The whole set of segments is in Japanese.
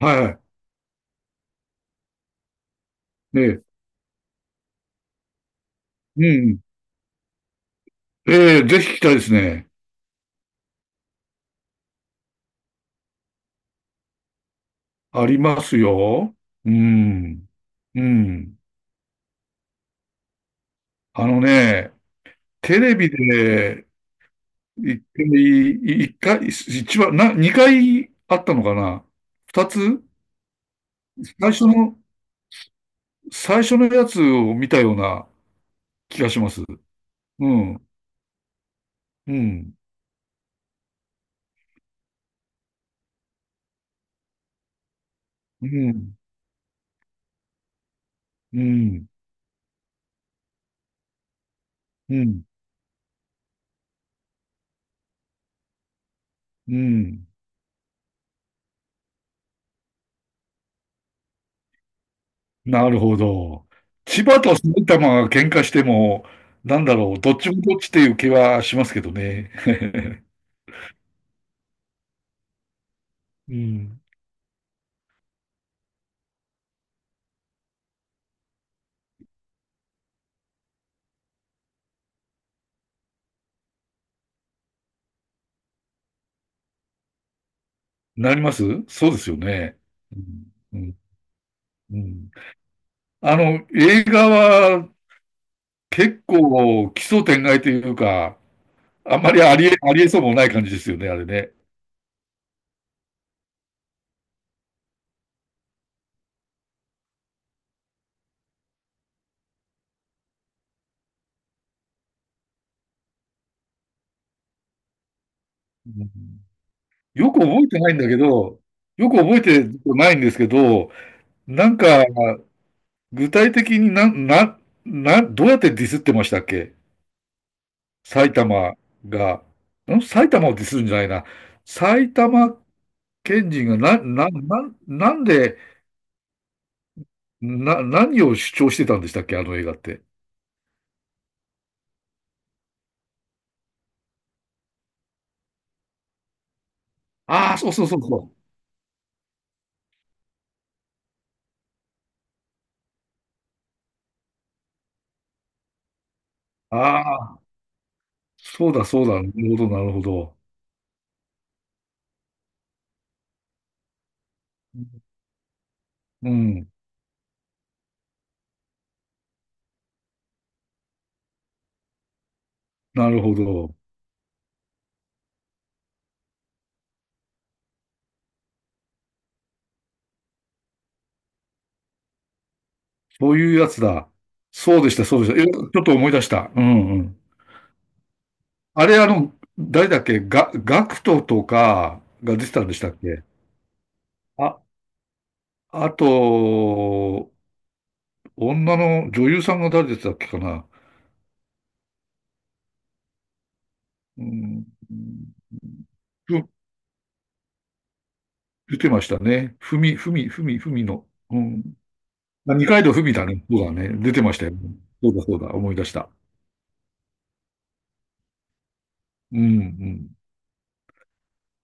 はい。ええ。うん。ええ、ぜひ聞きたいですね。ありますよ。うん。うん。あのね、テレビで一回、一回、一番、な、二回あったのかな。二つ最初の、最初のやつを見たような気がします。うん。うん。うん。うん。うん。うん。うん。なるほど。千葉と埼玉が喧嘩しても、なんだろう、どっちもどっちっていう気はしますけどね。うん。なります。そうですよね。うん。うん。うん。あの、映画は結構奇想天外というか、あんまりありえそうもない感じですよね、あれね。うん。よく覚えてないんだけど、よく覚えてないんですけど、なんか、具体的にな、な、な、どうやってディスってましたっけ。埼玉が、埼玉をディスるんじゃないな。埼玉県人がな、な、な、なんで、な、何を主張してたんでしたっけ、あの映画って。ああ、そうそうそうそう。ああ、そうだそうだ。なるほど、なるほど。うん、なるほど。そういうやつだ。そうでした、そうでした。ちょっと思い出した。うんうん。あれ、あの、誰だっけ、ガクトとかが出てたんでしたっけ。あ、あと、女優さんが誰でしたっけかな。うん、ふ出てましたね。ふみ、ふみ、ふみ、ふみの。うん。まあ二階堂ふみだね。そうだね。出てましたよ。そうだ、そうだ。思い出した。うん、うん。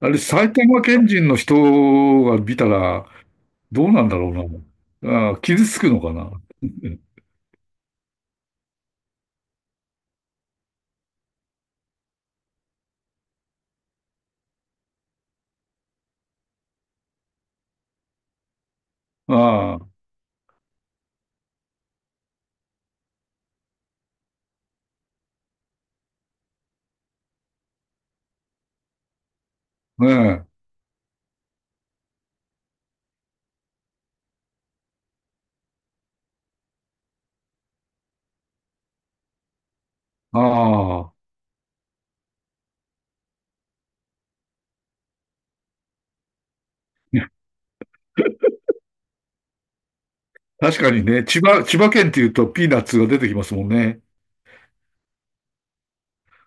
あれ、埼玉県人の人が見たら、どうなんだろうな。ああ、傷つくのかな。ああ、ねえ。ああ。確かにね、千葉県って言うとピーナッツが出てきますもんね。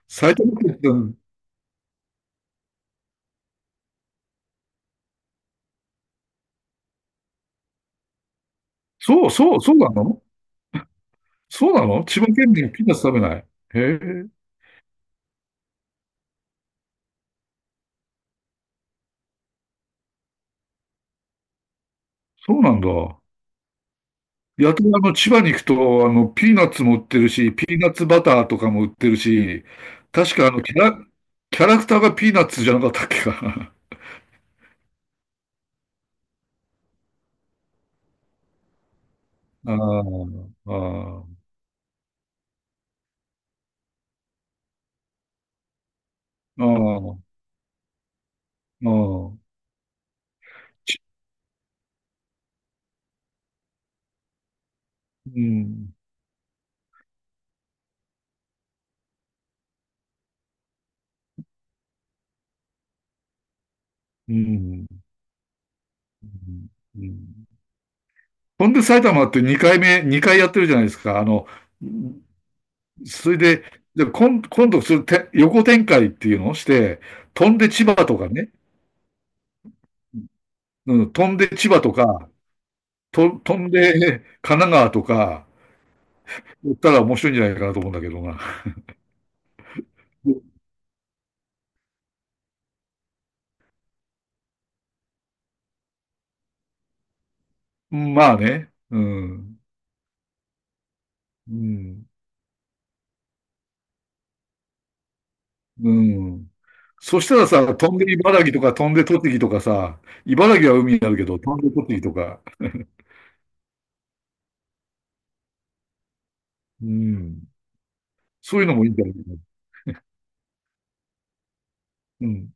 埼玉県って、そう、そう、そうなの。そうなの、千葉県民はピーナッツ食べない。へえ、そうなんだ。やたらあの千葉に行くと、ピーナッツも売ってるし、ピーナッツバターとかも売ってるし、確かキャラクターがピーナッツじゃなかったっけかな。ああ、ああ、ああ、あちうん、うん、うん。うん。ほんで埼玉って2回目、2回やってるじゃないですか。あの、それで、今度それて、横展開っていうのをして、飛んで千葉とかね、うん、飛んで千葉とか、と飛んで神奈川とか、言ったら面白いんじゃないかなと思うんだけどな。まあね。うん。うん。うん。そしたらさ、飛んで茨城とか飛んで栃木とかさ、茨城は海になるけど、飛んで栃木とか、うん。そういうのもいいんじゃないかな。うん。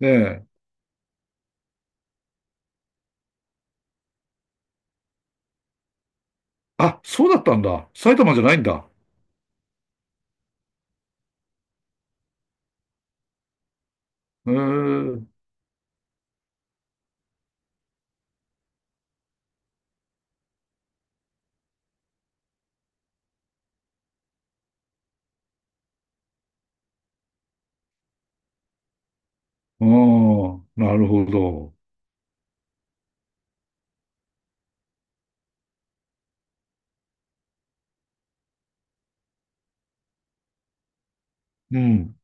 ねえ。あ、そうだったんだ。埼玉じゃないんだ。へえ。ああ、なるほど。うん。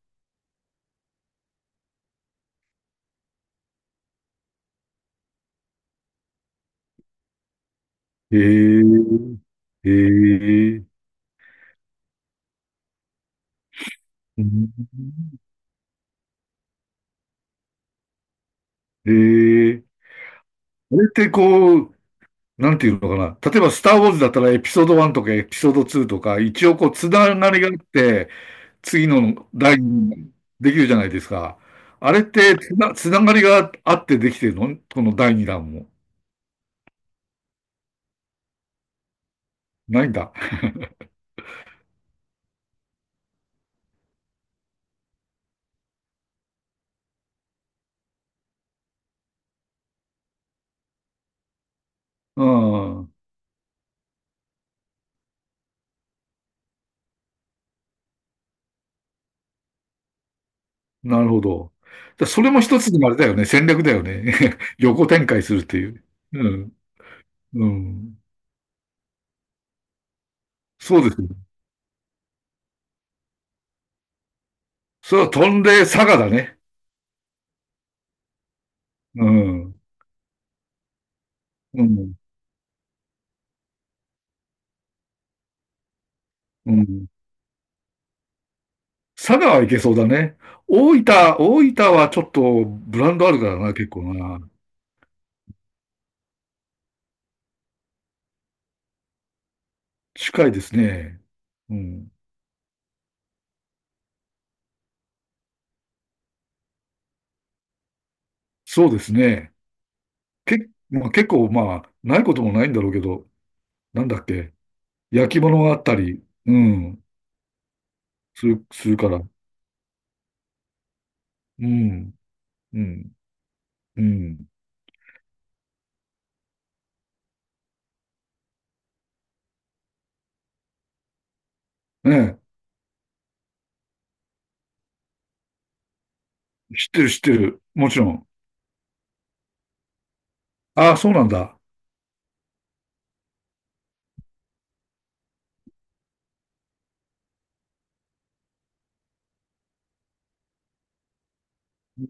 へえ。へえ。うん。ええあれってこう、なんていうのかな。例えば、スター・ウォーズだったらエピソード1とかエピソード2とか、一応こう、つながりがあって、次の第二できるじゃないですか。あれってつながりがあってできてるのこの第2弾も。ないんだ。うん。なるほど。それも一つのあれだよね。戦略だよね。横展開するっていう。うん。うん。そうですよ。それは飛んで佐賀だね。うん。うん。うん。佐賀はいけそうだね。大分はちょっとブランドあるからな、結構な。近いですね。うん。そうですね。まあ、結構、まあ、ないこともないんだろうけど、なんだっけ。焼き物があったり、うん、するから。うん、うん、うん。ねえ、知ってる、知ってる。もちろん。ああ、そうなんだ。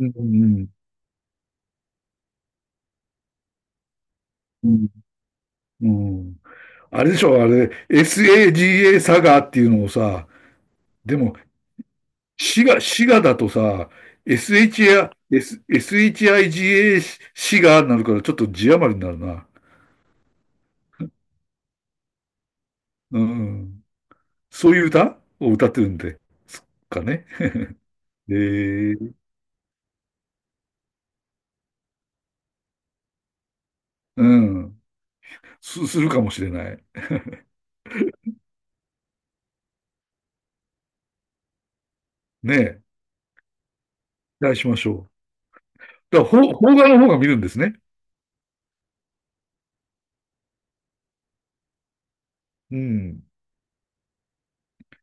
うん、うん、うん。うん。あれでしょ、あれ、SAGA サガっていうのをさ、でも滋賀だとさ、SHI、Shiga 滋賀になるからちょっと字余りになるな。うん。そういう歌を歌ってるんで、すっかね。えー、うん。するかもしれない。ねえ。期待しましょう。だから、邦画の方が見るんですね。うん。